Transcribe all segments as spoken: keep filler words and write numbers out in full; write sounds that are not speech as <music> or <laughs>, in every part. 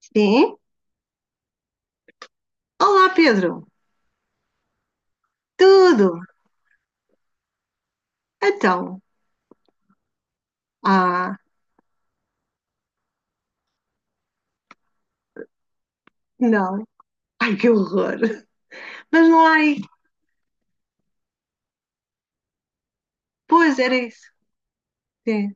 Sim? Olá, Pedro. Tudo? Então. Ah, não. Ai, que horror. Mas não há aí. Pois, era isso. Sim,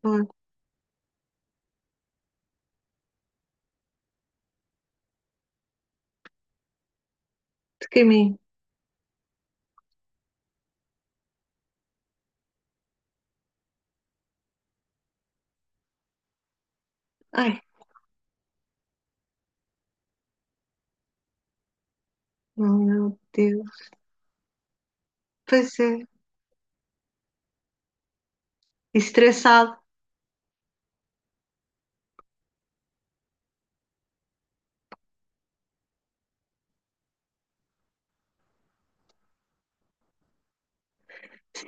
pois. Toquei em mim. Ai, oh, meu Deus. Pois é. Estressado.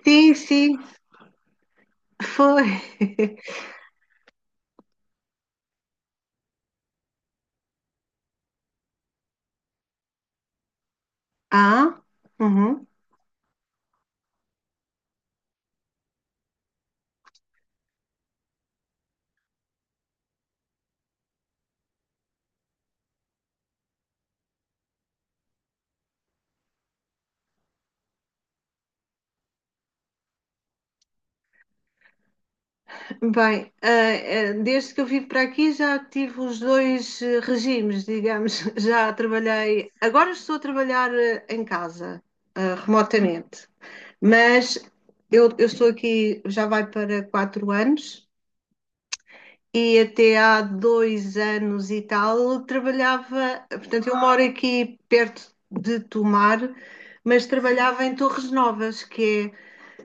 Sim, sim, foi. <laughs> Ah, uhum. Bem, ah, ah, desde que eu vim para aqui já tive os dois eh, regimes, digamos. <laughs> Já trabalhei. Agora estou a trabalhar eh, em casa, ah, remotamente. Mas eu, eu estou aqui, já vai para quatro anos e até há dois anos e tal trabalhava, portanto, eu moro aqui perto de Tomar, mas trabalhava em Torres Novas, que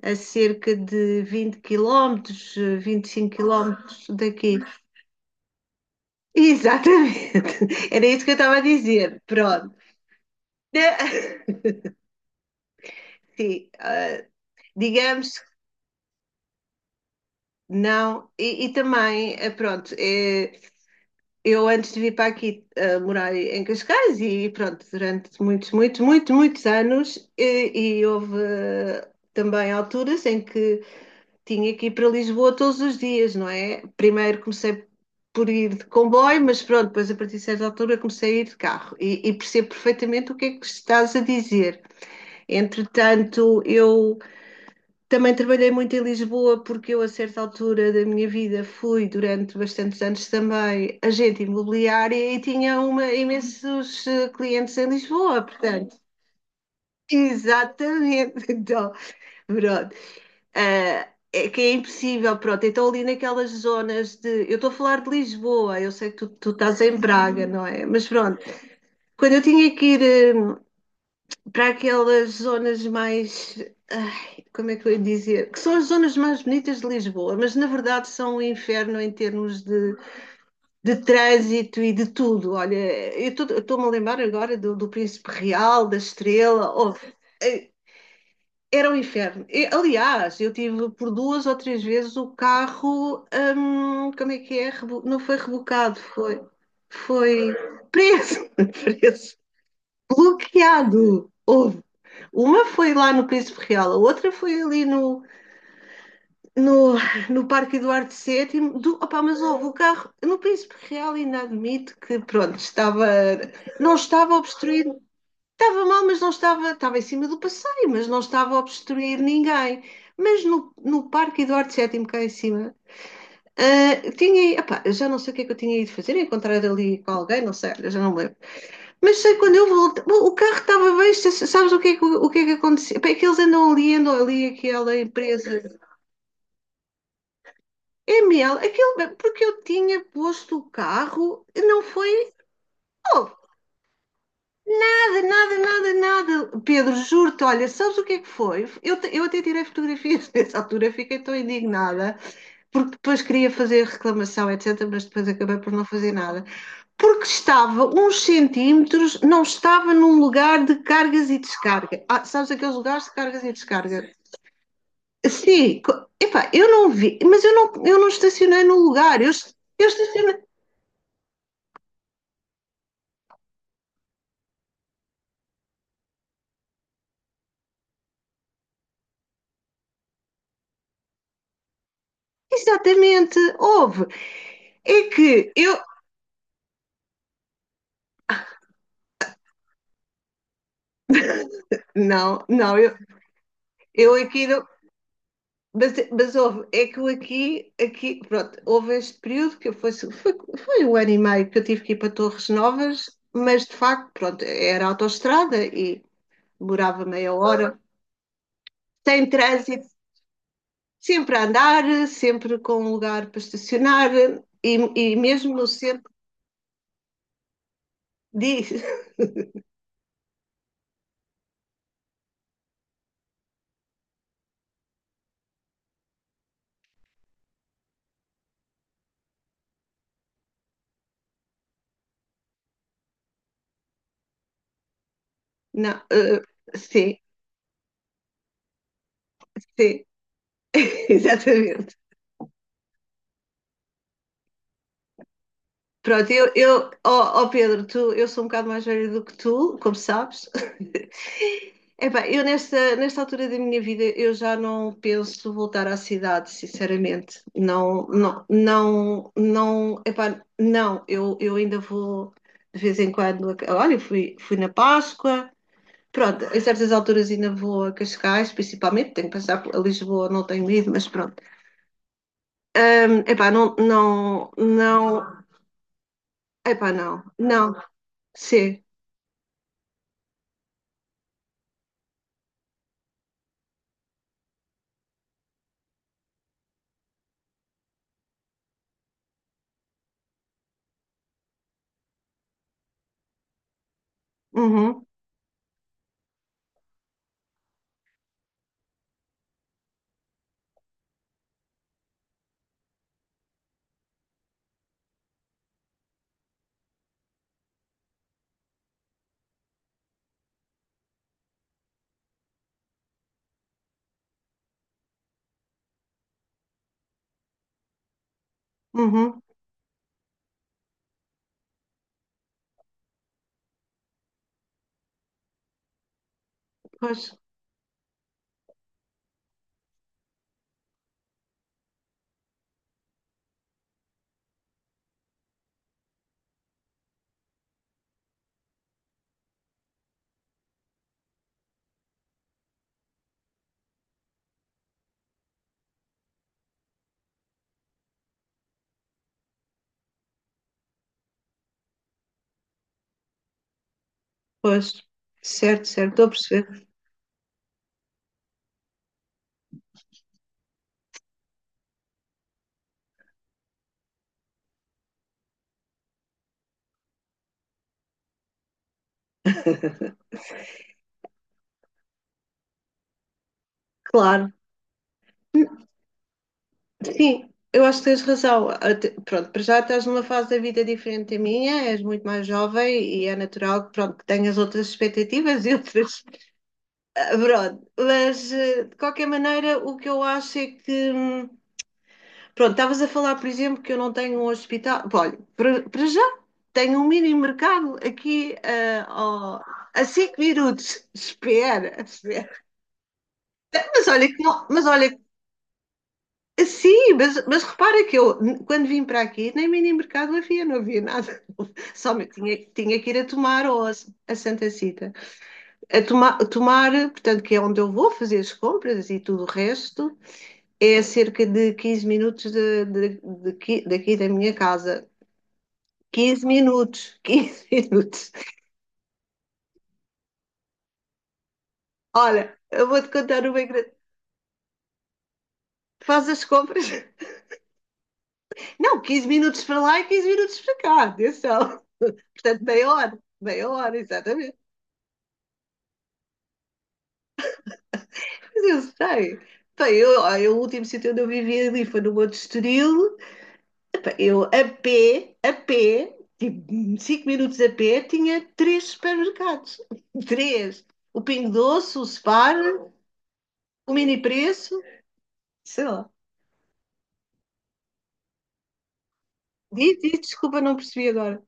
é a cerca de vinte quilómetros, vinte e cinco quilómetros daqui. Exatamente, <laughs> era isso que eu estava a dizer. Pronto. <laughs> Sim, ah, digamos que não, e, e também, eh, pronto, eh, eu antes de vir para aqui eh, morar em Cascais e pronto, durante muitos, muitos, muitos, muitos anos e, e houve eh, também alturas em que tinha que ir para Lisboa todos os dias, não é? Primeiro comecei por ir de comboio, mas pronto, depois a partir de certa altura comecei a ir de carro e, e percebo perfeitamente o que é que estás a dizer. Entretanto, eu também trabalhei muito em Lisboa porque eu, a certa altura da minha vida, fui durante bastantes anos também agente imobiliária e tinha uma, imensos eh, clientes em Lisboa, portanto. Exatamente, <laughs> então, pronto. Ah, é que é impossível, pronto. Então, ali naquelas zonas de. Eu estou a falar de Lisboa, eu sei que tu, tu estás em Braga, não é? Mas pronto, quando eu tinha que ir. Eh, para aquelas zonas mais, ai, como é que eu ia dizer? Que são as zonas mais bonitas de Lisboa, mas na verdade são um inferno em termos de, de trânsito e de tudo. Olha, eu estou-me a lembrar agora do, do Príncipe Real, da Estrela. Oh, eh, era um inferno. E, aliás, eu tive por duas ou três vezes o carro, hum, como é que é? Rebu- Não foi rebocado, foi, foi preso, <laughs> preso, bloqueado. Houve. Uma foi lá no Príncipe Real, a outra foi ali no, no, no Parque Eduardo sétimo do, opá, mas houve o carro no Príncipe Real ainda admito que, pronto, estava, não estava a obstruir, estava mal, mas não estava, estava em cima do passeio, mas não estava a obstruir ninguém. Mas no, no Parque Eduardo sétimo cá em cima, Uh, tinha, opa, eu já não sei o que é que eu tinha ido fazer, encontrar ali com alguém, não sei, eu já não me lembro. Mas sei quando eu voltei, o carro estava bem, se- sabes o que é que, o que, é que aconteceu? Bem, é que eles andam ali, andam ali, aquela empresa. É mel, aquilo, porque eu tinha posto o carro, não foi. Oh, nada, nada, nada, nada. Pedro, juro-te, olha, sabes o que é que foi? Eu, te- eu até tirei fotografias <laughs> nessa altura, fiquei tão indignada, porque depois queria fazer reclamação, etcétera, mas depois acabei por não fazer nada. Porque estava uns centímetros, não estava num lugar de cargas e descarga. Ah, sabes aqueles lugares de cargas e descarga? Sim, epá, eu não vi, mas eu não, eu não estacionei no lugar, eu, eu estacionei. Exatamente, houve. É que eu. Não, não, eu, eu aqui não. Mas, mas houve, é que eu aqui, aqui, pronto, houve este período que eu foi, foi, foi um ano e meio que eu tive que ir para Torres Novas, mas de facto, pronto, era autoestrada e, demorava meia hora, sem trânsito, sempre a andar, sempre com um lugar para estacionar eh, e, e mesmo no centro diz. <laughs> Não, eh, sim, sim, <laughs> exatamente. Pronto, eu, eu ó, ó Pedro, tu, eu sou um bocado mais velha do que tu, como sabes. <laughs> Epá, eu nesta, nesta altura da minha vida eu já não penso voltar à cidade, sinceramente. Não, não, não, não, epá, não, eu, eu ainda vou de vez em quando. a- Olha, fui, fui na Páscoa, pronto, em certas alturas ainda vou a Cascais, principalmente, tenho que passar por a Lisboa, não tenho ido, mas pronto. Hum, epá, não, não, não, epá, não, não. Sim. Uhum, uhum. Pois, pois. Certo, certo, estou a perceber. <laughs> Claro. Sim, eu acho que tens razão. Até- pronto, para já estás numa fase da vida diferente da minha, és muito mais jovem e é natural que, pronto, que tenhas outras expectativas e outras. <laughs> ah, Pronto, mas eh, de qualquer maneira, o que eu acho é que. hum, Pronto, estavas a falar, por exemplo, que eu não tenho um hospital. Pá, olha, para para já tenho um mini mercado aqui ah, ao- a cinco minutos. <laughs> Espera, espera. Mas olha, que não- Mas olha, sim, mas, mas repara que eu, n- quando vim para aqui, nem mini mercado havia, não havia nada. <laughs> Só me- tinha, tinha que ir a tomar ou a, a Santa Cita. A toma, tomar, portanto, que é onde eu vou fazer as compras e tudo o resto, é a cerca de quinze minutos de, de- de- daqui daqui da minha casa. quinze minutos, <laughs> quinze minutos. Olha, eu vou-te contar uma engraçada. Faz as compras. <laughs> Não, quinze minutos para lá e quinze minutos para cá, atenção. <laughs> Portanto, meia hora, meia hora, exatamente. Mas eu sei. Bem, eu, olha, o último sítio onde eu vivia ali foi no Monte Estoril. Eu, a pé, a pé, tipo cinco minutos a pé, tinha três supermercados. <laughs> Três. O Pingo Doce, o Spar, o Mini Preço, sei lá. Diz, diz, desculpa, não percebi agora.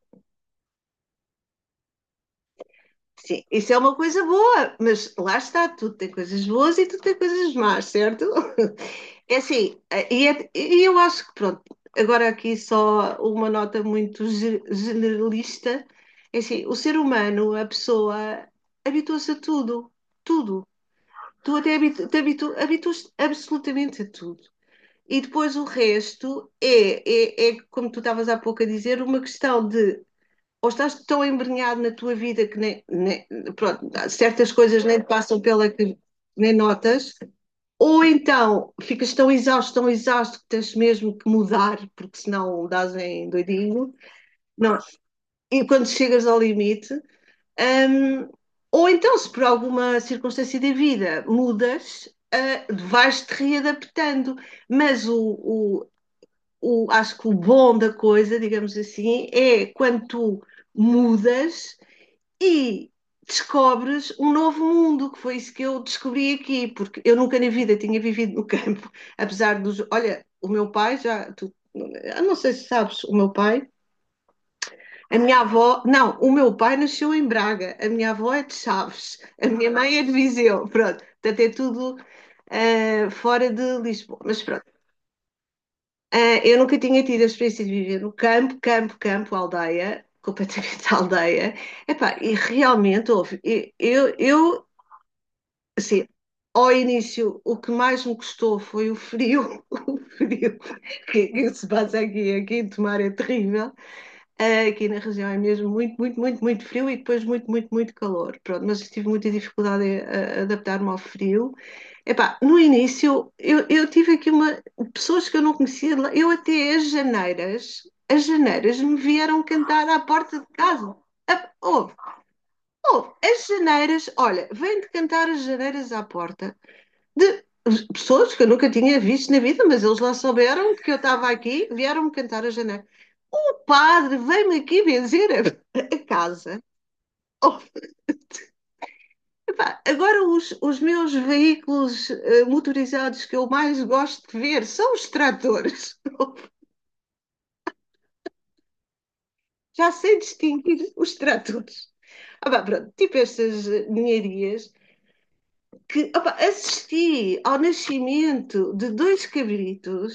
Sim, isso é uma coisa boa, mas lá está, tudo tem coisas boas e tudo tem coisas más, certo? <laughs> É assim, eh, e, é- e eu acho que pronto, agora aqui só uma nota muito ge- generalista, é assim, o ser humano, a pessoa, habitua-se a tudo, tudo. Tu até habitu- te habitu- habituas absolutamente a tudo. E depois o resto é, é, é, como tu estavas há pouco a dizer, uma questão de ou estás tão embrenhado na tua vida que nem, nem- pronto, certas coisas nem te passam pela que nem notas, ou então ficas tão exausto, tão exausto que tens mesmo que mudar, porque senão dás em doidinho. Não. E quando chegas ao limite, hum, ou então, se por alguma circunstância da vida mudas, ah, vais-te readaptando. Mas o, o- o- acho que o bom da coisa, digamos assim, é quando tu mudas e descobres um novo mundo, que foi isso que eu descobri aqui, porque eu nunca na vida tinha vivido no <laughs> campo, apesar dos. Olha, o meu pai já. Tu, eu não sei se sabes, o meu pai, a minha avó, não, o meu pai nasceu em Braga, a minha avó é de Chaves, a minha mãe é de Viseu, pronto, portanto é tudo ah, fora de Lisboa, mas pronto. Ah, eu nunca tinha tido a experiência de viver no campo, campo, campo, aldeia, completamente <laughs> aldeia. Epá, e realmente houve. Eu, eu assim, ao início, o que mais me custou foi o frio, <laughs> o frio que, que se passa aqui, aqui em Tomar é terrível. Eh, Aqui na região é mesmo muito, muito, muito, muito frio e depois muito, muito, muito calor. Pronto, mas tive muita dificuldade em eh, adaptar-me ao frio. Epá, no início, eu, eu tive aqui uma, pessoas que eu não conhecia, lá- eu até as janeiras, as janeiras me vieram cantar à porta de casa. Ah, Houve, houve, as janeiras, olha, vem de cantar as janeiras à porta de pessoas que eu nunca tinha visto na vida, mas eles lá souberam que eu estava aqui, vieram-me cantar a janela. O padre veio-me aqui benzer a, a casa. Oh, epá, agora os, os meus veículos eh, motorizados que eu mais gosto de ver são os tratores. <laughs> Já sei distinguir os tratores. Ah, pá, pronto, tipo estas eh, ninharias que ah, pá, assisti ao nascimento de dois cabritos.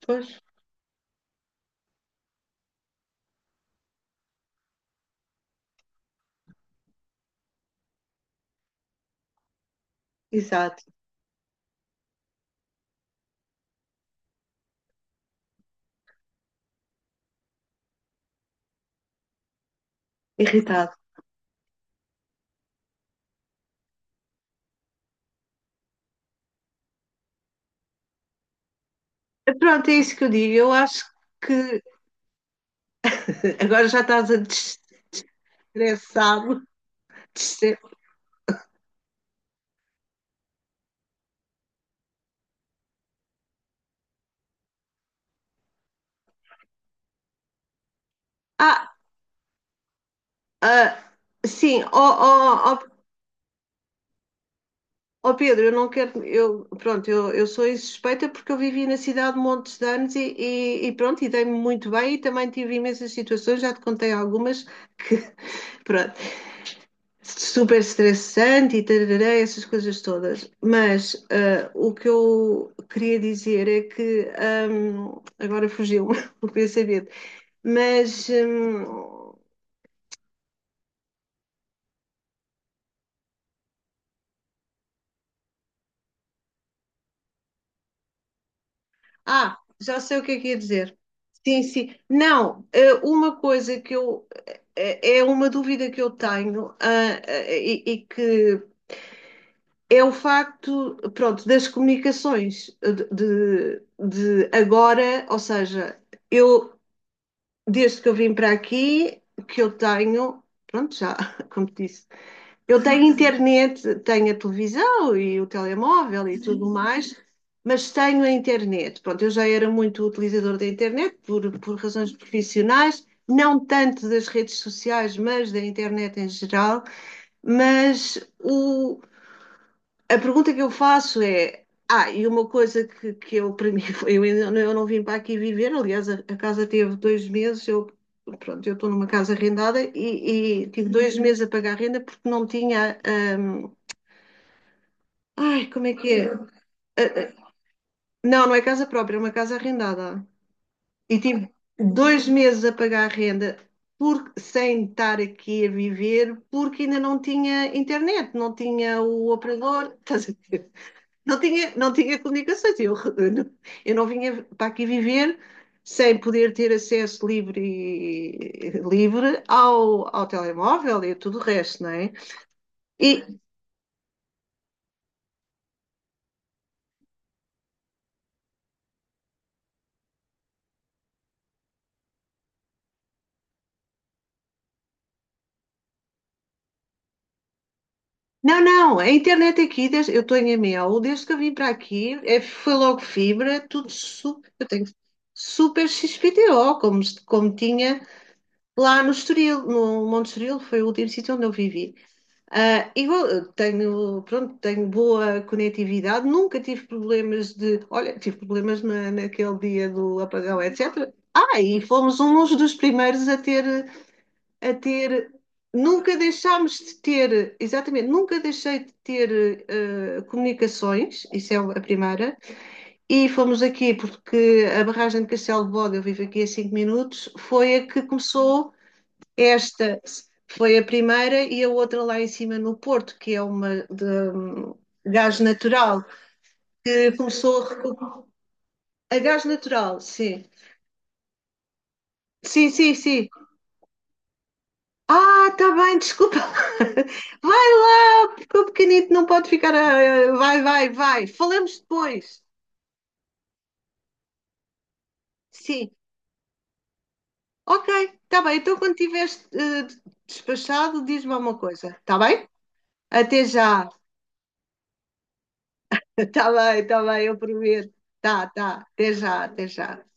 <laughs> Pois, exato, irritado. Pronto, é isso que eu digo. Eu acho que <laughs> agora já estás a destressar-me. Destre- Ah, ah, sim, ó ó, ó, ó, Pedro, eu não quero. Eu, pronto, eu, eu sou insuspeita porque eu vivi na cidade montes de anos e, e, e pronto, e dei-me muito bem e também tive imensas situações, já te contei algumas que, <laughs> pronto. Super estressante e tarará, essas coisas todas. Mas ah, o que eu queria dizer é que ahm, agora fugiu-me <laughs> o pensamento. Mas hum, ah, já sei o que é que ia dizer. Sim, sim. Não, eh, uma coisa que eu eh, é uma dúvida que eu tenho, ah, eh, e, e que é o facto, pronto, das comunicações eh, de, de de agora, ou seja, eu desde que eu vim para aqui, que eu tenho, pronto, já, <laughs> como te disse, eu tenho internet, tenho a televisão e o telemóvel e tudo mais, mas tenho a internet. Pronto, eu já era muito utilizador da internet por, por razões profissionais, não tanto das redes sociais, mas da internet em geral, mas o a pergunta que eu faço é: ah, e uma coisa que, que eu, para <laughs> mim, foi, eu, ainda- não- eu não vim para aqui viver, aliás, a, a casa teve dois meses, eu, pronto, eu estou numa casa arrendada e, e tive dois meses a pagar a renda porque não tinha. Ahm, ai, como é que é? Ah, ah, não, não é casa própria, é uma casa arrendada. E tive dois meses a pagar a renda. Porque, sem estar aqui a viver, porque ainda não tinha internet, não tinha o operador, <laughs> estás a ver? Não tinha, não tinha comunicações. Eu, <laughs> eu não, eu não vinha para aqui viver sem poder ter acesso livre, livre ao, ao telemóvel e tudo o resto, não é? E, não, não, a internet aqui, desde- eu estou em Amiel, desde que eu vim para aqui, é, foi logo fibra, tudo super, eu tenho super X P T O, como, se- como tinha lá no Estoril, no Monte Estoril, foi o último sítio onde eu vivi. Ah, e vou- tenho, pronto, tenho boa conectividade, nunca tive problemas de. Olha, tive problemas na, naquele dia do apagão, etcétera. Ah, e fomos uns dos primeiros a ter, a ter. Nunca deixámos de ter, exatamente, nunca deixei de ter eh, comunicações, isso é a primeira, e fomos aqui porque a barragem de Castelo de Bode, eu vivo aqui a cinco minutos, foi a que começou esta foi a primeira e a outra lá em cima no Porto, que é uma de hum, gás natural, que começou a recuperar. A gás natural, sim. Sim, sim, sim. Ah, tá bem, desculpa. <laughs> Vai lá, porque o pequenito não pode ficar. a- Vai, vai, vai. Falamos depois. Sim. Ok, tá bem. Então, quando tiveres eh, despachado, diz-me alguma coisa, tá bem? Até já. <laughs> Tá bem, tá bem, eu prometo. Tá, tá. Até já, até já.